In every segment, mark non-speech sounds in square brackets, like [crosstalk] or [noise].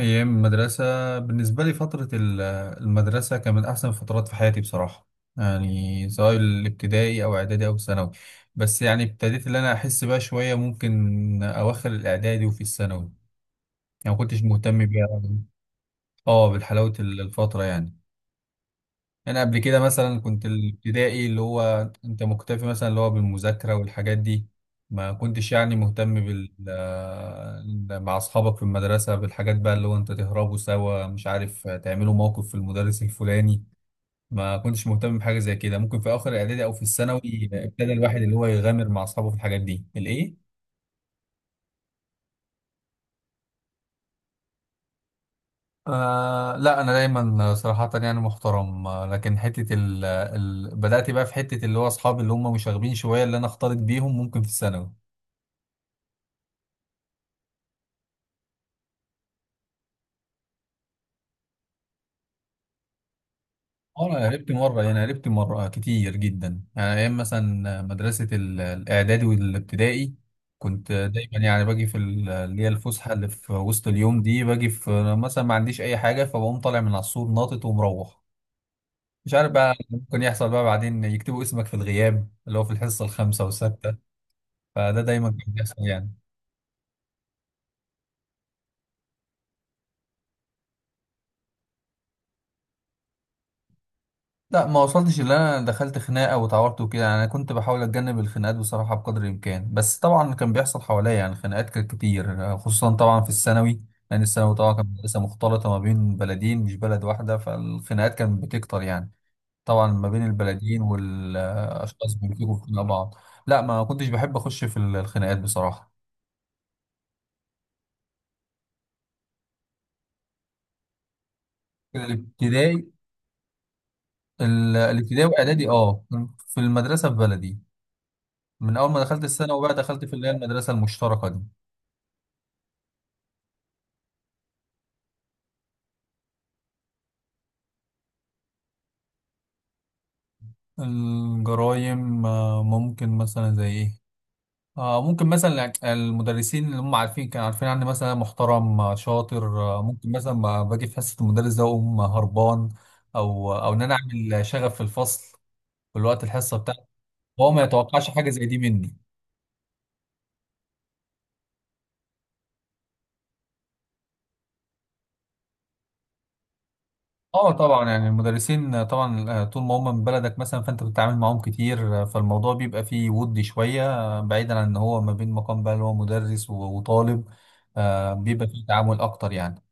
أيام المدرسة بالنسبة لي فترة المدرسة كانت من أحسن الفترات في حياتي بصراحة، يعني سواء الابتدائي أو إعدادي أو ثانوي. بس يعني ابتديت اللي أنا أحس بقى شوية ممكن أواخر الإعدادي وفي الثانوي يعني ما كنتش مهتم بيها أوي. أه بالحلاوة الفترة يعني. انا قبل كده مثلا كنت الابتدائي اللي هو انت مكتفي مثلا اللي هو بالمذاكره والحاجات دي، ما كنتش يعني مهتم بال مع اصحابك في المدرسه بالحاجات بقى اللي هو انت تهربوا سوا مش عارف، تعملوا موقف في المدرس الفلاني. ما كنتش مهتم بحاجه زي كده، ممكن في اخر الاعدادي او في الثانوي ابتدى الواحد اللي هو يغامر مع اصحابه في الحاجات دي الايه. آه لا، انا دايما صراحه يعني محترم، لكن حته ال بدات بقى في حته اللي هو اصحابي اللي هم مشاغبين شويه اللي انا اختلط بيهم ممكن في الثانوي. اه انا قربت مره، يعني قربت مره كتير جدا، يعني ايام مثلا مدرسه الاعدادي والابتدائي كنت دايما يعني باجي في اللي هي الفسحه اللي في وسط اليوم دي، باجي في مثلا ما عنديش اي حاجه، فبقوم طالع من على السور ناطط ومروح. مش عارف بقى، ممكن يحصل بقى بعدين يكتبوا اسمك في الغياب اللي هو في الحصه الخامسه والسادسه. فده دايما كان بيحصل يعني. لا ما وصلتش اللي انا دخلت خناقه واتعورت وكده، يعني انا كنت بحاول اتجنب الخناقات بصراحه بقدر الامكان، بس طبعا كان بيحصل حواليا يعني خناقات كانت كتير، خصوصا طبعا في الثانوي. لان الثانوي طبعا كان مدرسه مختلطه ما بين بلدين مش بلد واحده، فالخناقات كانت بتكتر يعني. طبعا ما بين البلدين والاشخاص بيمسكوا في خناق بعض. لا ما كنتش بحب اخش في الخناقات بصراحه. الابتدائي، الابتدائي واعدادي اه. في المدرسه في بلدي. من أول ما دخلت الثانوي بقى دخلت في اللي هي المدرسة المشتركة دي. الجرايم، ممكن مثلا زي إيه. ممكن مثلا المدرسين اللي هم عارفين، كانوا عارفين عني مثلا محترم، شاطر. ممكن مثلا ما باجي في حصة المدرس ده أقوم هربان. أو إن أنا أعمل شغب في الفصل في الوقت الحصة بتاعته، وهو ما يتوقعش حاجة زي دي مني. اه طبعا، يعني المدرسين طبعا طول ما هم من بلدك مثلا فانت بتتعامل معاهم كتير، فالموضوع بيبقى فيه ود شويه. بعيدا عن ان هو ما بين مقام بقى اللي هو مدرس وطالب، بيبقى فيه تعامل اكتر يعني.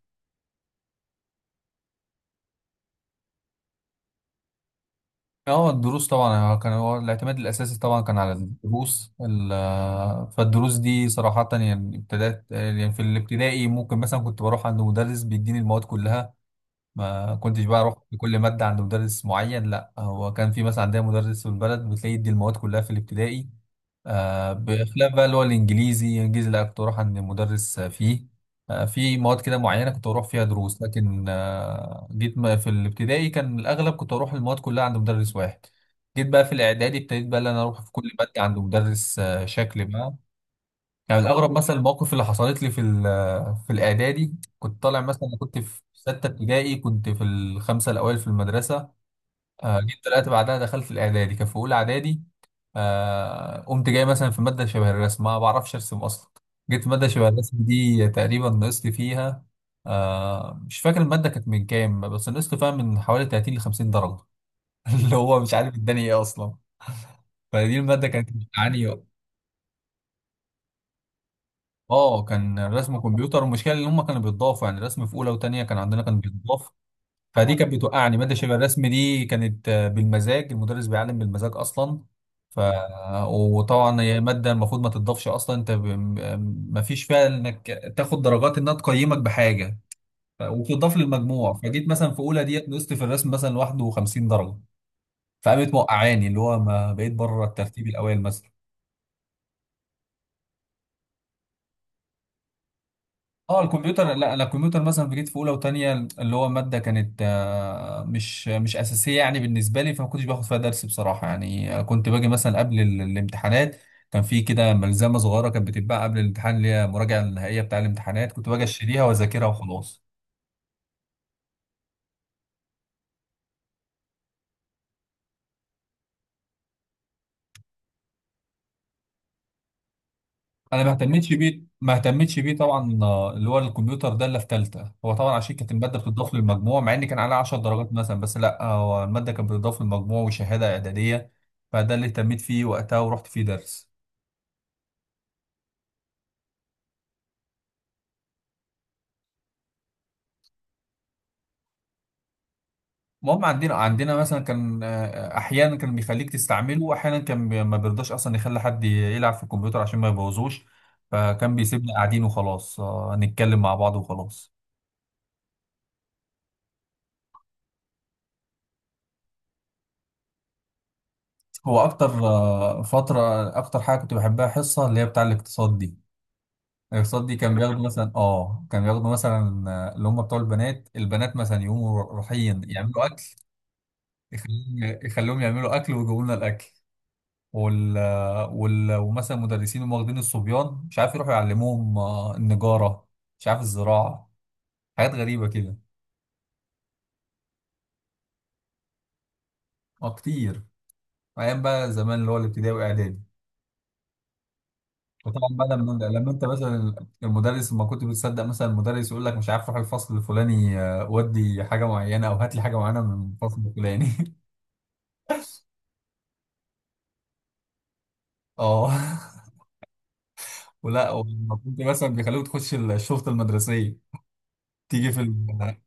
اه الدروس طبعا، كان هو الاعتماد الاساسي، طبعا كان على الدروس فالدروس دي صراحه يعني ابتدات، يعني في الابتدائي ممكن مثلا كنت بروح عند مدرس بيديني المواد كلها. ما كنتش بقى اروح بكل ماده عند مدرس معين، لا هو كان في مثلا عندنا مدرس في البلد بتلاقي يدي المواد كلها في الابتدائي. آه بخلاف بقى اللي هو الانجليزي، الانجليزي لا كنت اروح عند مدرس فيه. آه في مواد كده معينه كنت اروح فيها دروس، لكن آه جيت في الابتدائي كان الاغلب كنت اروح المواد كلها عند مدرس واحد. جيت بقى في الاعدادي ابتديت بقى ان انا اروح في كل ماده عند مدرس آه شكل بقى. يعني الأغرب مثلا المواقف اللي حصلت لي في في الإعدادي، كنت طالع مثلا كنت في ستة ابتدائي كنت في الخمسة الأوائل في المدرسة. جيت طلعت بعدها دخلت الإعدادي كان في أولى إعدادي. قمت جاي مثلا في مادة شبه الرسم ما بعرفش أرسم أصلا، جيت في مادة شبه الرسم دي تقريبا نقصت فيها. مش فاكر المادة كانت من كام، بس نقصت فيها من حوالي 30 ل 50 درجة. [laughs] اللي هو مش عارف الدنيا إيه أصلا. فدي المادة كانت بتعاني. اه كان رسم كمبيوتر، والمشكله ان هم كانوا بيتضافوا، يعني رسم في اولى وثانيه كان عندنا كان بيتضاف. فدي كانت بتوقعني، ماده شبه الرسم دي كانت بالمزاج، المدرس بيعلم بالمزاج اصلا. ف وطبعا هي ماده المفروض ما تتضافش اصلا، انت ب... ما فيش فيها انك تاخد درجات انها تقيمك بحاجه. وبتضاف للمجموع، فجيت مثلا في اولى ديت نقصت في الرسم مثلا 51 درجه، فقامت موقعاني اللي هو ما بقيت بره الترتيب الاوائل مثلا. اه الكمبيوتر لا، الكمبيوتر مثلا في جيت في اولى وتانية، اللي هو ماده كانت مش اساسيه يعني بالنسبه لي، فما كنتش باخد فيها درس بصراحه يعني، كنت باجي مثلا قبل الامتحانات كان في كده ملزمه صغيره كانت بتتباع قبل الامتحان اللي هي المراجعه النهائيه بتاع الامتحانات، كنت باجي اشتريها واذاكرها وخلاص. انا ما اهتمتش بيه، ما اهتمتش بيه طبعا اللي هو الكمبيوتر ده اللي في ثالثه، هو طبعا عشان كانت الماده بتضاف للمجموع، مع ان كان عليها 10 درجات مثلا، بس لا هو الماده كانت بتضاف للمجموع وشهاده اعداديه. فده اللي اهتميت فيه وقتها ورحت فيه درس. المهم عندنا مثلا كان، احيانا كان بيخليك تستعمله، واحيانا كان ما بيرضاش اصلا يخلي حد يلعب في الكمبيوتر عشان ما يبوظوش، فكان بيسيبنا قاعدين وخلاص نتكلم مع بعض وخلاص. هو اكتر فتره، اكتر حاجه كنت بحبها حصه اللي هي بتاع الاقتصاد دي. الاقساط دي كان بياخدوا مثلا اه، كان بياخدوا مثلا اللي هم بتوع البنات، البنات مثلا يقوموا رايحين يعملوا اكل، يخليهم يعملوا اكل ويجيبوا لنا الاكل وال... آه، وال... ومثلا مدرسين هم واخدين الصبيان، مش عارف يروحوا يعلموهم النجاره، مش عارف الزراعه، حاجات غريبه كده. اه كتير، ايام بقى زمان اللي هو الابتدائي واعدادي. وطبعا بقى لما انت مثلا المدرس، ما كنت بتصدق مثلا المدرس يقول لك مش عارف روح الفصل الفلاني، ودي حاجه معينه او هات لي حاجه معينه من الفصل الفلاني. [laughs] اه [laughs] ولا وكنت مثلا بيخلوك تخش الشرطه المدرسيه، تيجي في ال...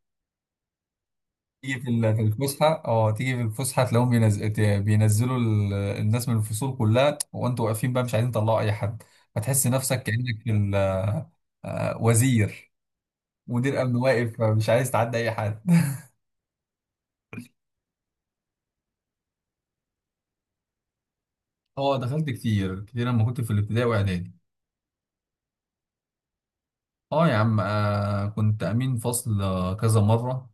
تيجي في في الفسحه، اه تيجي في الفسحه تلاقيهم بينزلوا الناس من الفصول كلها، وانتوا واقفين بقى مش عايزين تطلعوا اي حد. هتحس نفسك كانك في ال... وزير، مدير امن واقف مش عايز تعدي اي حد. [laughs] اه دخلت كتير كتير لما كنت في الابتدائي واعدادي. اه يا عم آه كنت امين فصل كذا مره.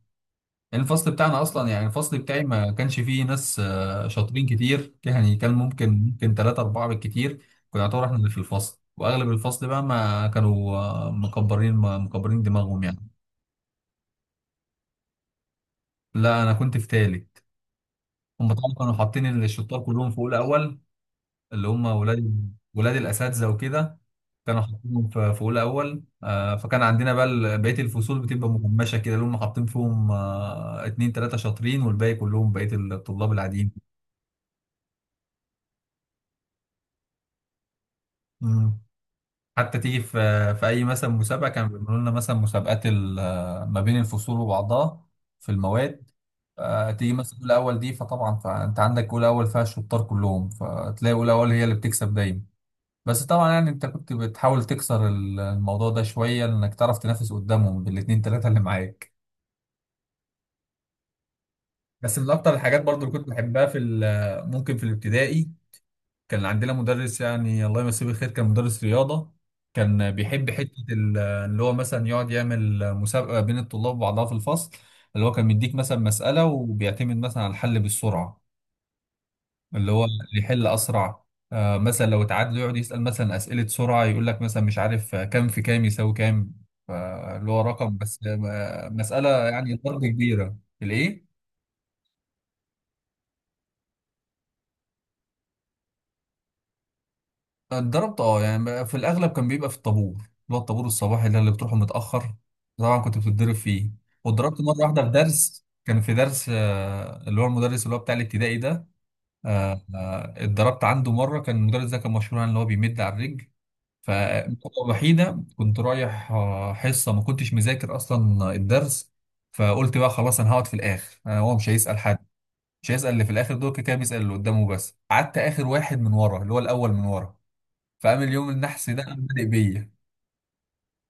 الفصل بتاعنا اصلا يعني الفصل بتاعي ما كانش فيه ناس شاطرين كتير يعني، كان ممكن، ممكن ثلاثة أربعة بالكتير كنا نعتبر احنا اللي في الفصل، واغلب الفصل بقى ما كانوا مكبرين دماغهم يعني. لا انا كنت في تالت. هم طبعا كانوا حاطين الشطار كلهم في اولى اول، اللي هم ولاد، ولاد الاساتذه وكده. كانوا حاطينهم في اولى اول، فكان عندنا بقى بقيه الفصول بتبقى مهمشه كده، اللي هم حاطين فيهم اتنين تلاته شاطرين، والباقي كلهم بقيه الطلاب العاديين. حتى تيجي في، في اي مثلا مسابقه كانوا بيعملوا لنا مثلا مسابقات ما بين الفصول وبعضها في المواد، تيجي مثلا اولى اول دي فطبعا فانت عندك اولى اول فيها الشطار كلهم، فتلاقي اولى اول هي اللي بتكسب دايما. بس طبعا يعني انت كنت بتحاول تكسر الموضوع ده شويه، انك تعرف تنافس قدامهم بالاتنين تلاته اللي معاك. بس من اكتر الحاجات برضو اللي كنت بحبها في ممكن في الابتدائي، كان عندنا مدرس، يعني الله يمسيه بالخير، كان مدرس رياضة. كان بيحب حتة اللي هو مثلا يقعد يعمل مسابقة بين الطلاب وبعضها في الفصل، اللي هو كان بيديك مثلا مسألة وبيعتمد مثلا على الحل بالسرعة، اللي هو مم. اللي يحل أسرع. آه مثلا لو اتعادلوا يقعد يسأل مثلا أسئلة سرعة، يقول لك مثلا مش عارف كام في كام يساوي كام، فاللي هو رقم بس مسألة يعني ضرب كبيرة. الإيه؟ اتدربت اه، يعني بقى في الاغلب كان بيبقى في الطابور اللي هو الطابور الصباحي ده اللي بتروحه متاخر، طبعا كنت بتتضرب فيه. واتضربت مره واحده في درس، كان في درس اللي هو المدرس اللي هو بتاع الابتدائي ده، اتضربت عنده مره، كان المدرس ده كان مشهور عن اللي هو بيمد على الرجل. فالمره الوحيده كنت رايح حصه ما كنتش مذاكر اصلا الدرس، فقلت بقى خلاص انا هقعد في الاخر، انا هو مش هيسال حد، مش هيسال اللي في الاخر دول كده كده بيسال اللي قدامه، بس قعدت اخر واحد من ورا اللي هو الاول من ورا. فقام اليوم النحس ده قام بادئ بيا،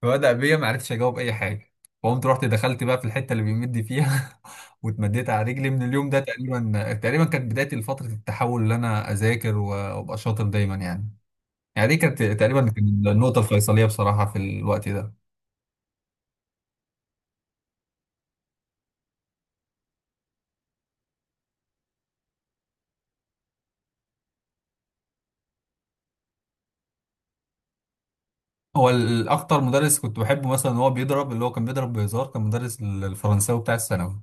فبدأ بيا ما عرفتش اجاوب اي حاجه. فقمت رحت دخلت بقى في الحته اللي بيمد فيها، [laughs] واتمديت على رجلي. من اليوم ده تقريبا، تقريبا كانت بدايتي لفتره التحول اللي انا اذاكر وابقى شاطر دايما يعني. يعني دي كانت تقريبا، كانت النقطه الفيصليه بصراحه في الوقت ده. هو الاكتر مدرس كنت بحبه مثلا هو بيضرب، اللي هو كان بيضرب بهزار، كان مدرس الفرنساوي بتاع الثانوي،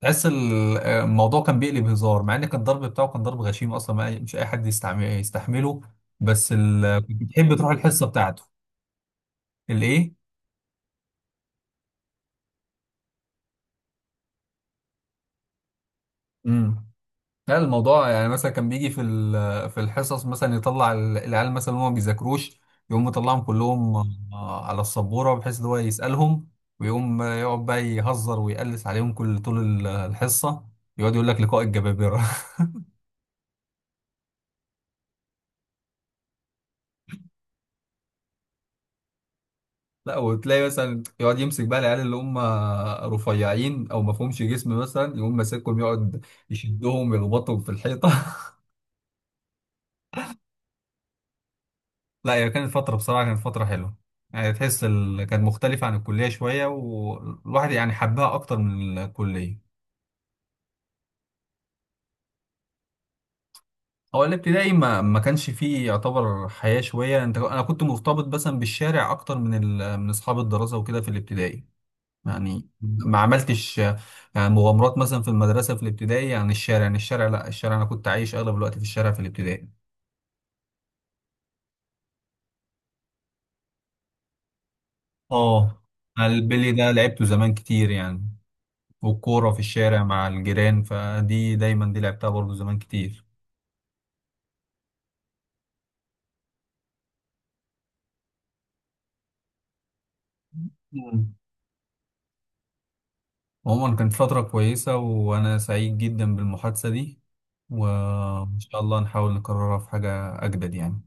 تحس الموضوع كان بيقلب هزار، مع ان كان الضرب بتاعه كان ضرب غشيم اصلا، ما مش اي حد يستعمل يستحمله، بس ال... كنت بتحب تروح الحصه بتاعته. الايه؟ امم، لا الموضوع يعني مثلا كان بيجي في في الحصص مثلا يطلع العيال مثلا اللي هم ما بيذاكروش، يقوم مطلعهم كلهم على السبوره بحيث ان هو يسالهم، ويقوم يقعد بقى يهزر ويقلس عليهم كل طول الحصه، يقعد يقول لك لقاء الجبابره. لا وتلاقي مثلا يقعد يمسك بقى العيال اللي هم رفيعين او ما فيهمش جسم مثلا، يقوم ماسكهم يقعد يشدهم يربطهم في الحيطه. [laughs] لا هي كانت فتره، بصراحه كانت فتره حلوه، يعني تحس ال... كانت مختلفه عن الكليه شويه، والواحد يعني حبها اكتر من الكليه. هو الابتدائي ما كانش فيه يعتبر حياه شويه، انت انا كنت مرتبط مثلا بالشارع اكتر من ال... من اصحاب الدراسه وكده في الابتدائي. يعني ما عملتش يعني مغامرات مثلا في المدرسة في الابتدائي. يعني الشارع، يعني الشارع، لا الشارع أنا كنت عايش أغلب الوقت في الشارع في الابتدائي. اه البلي ده لعبته زمان كتير يعني، والكورة في الشارع مع الجيران، فدي دايما دي لعبتها برضو زمان كتير. مم. عموما كانت فترة كويسة، وأنا سعيد جدا بالمحادثة دي، وإن شاء الله نحاول نكررها في حاجة أجدد يعني.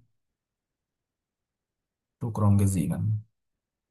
شكرا جزيلا.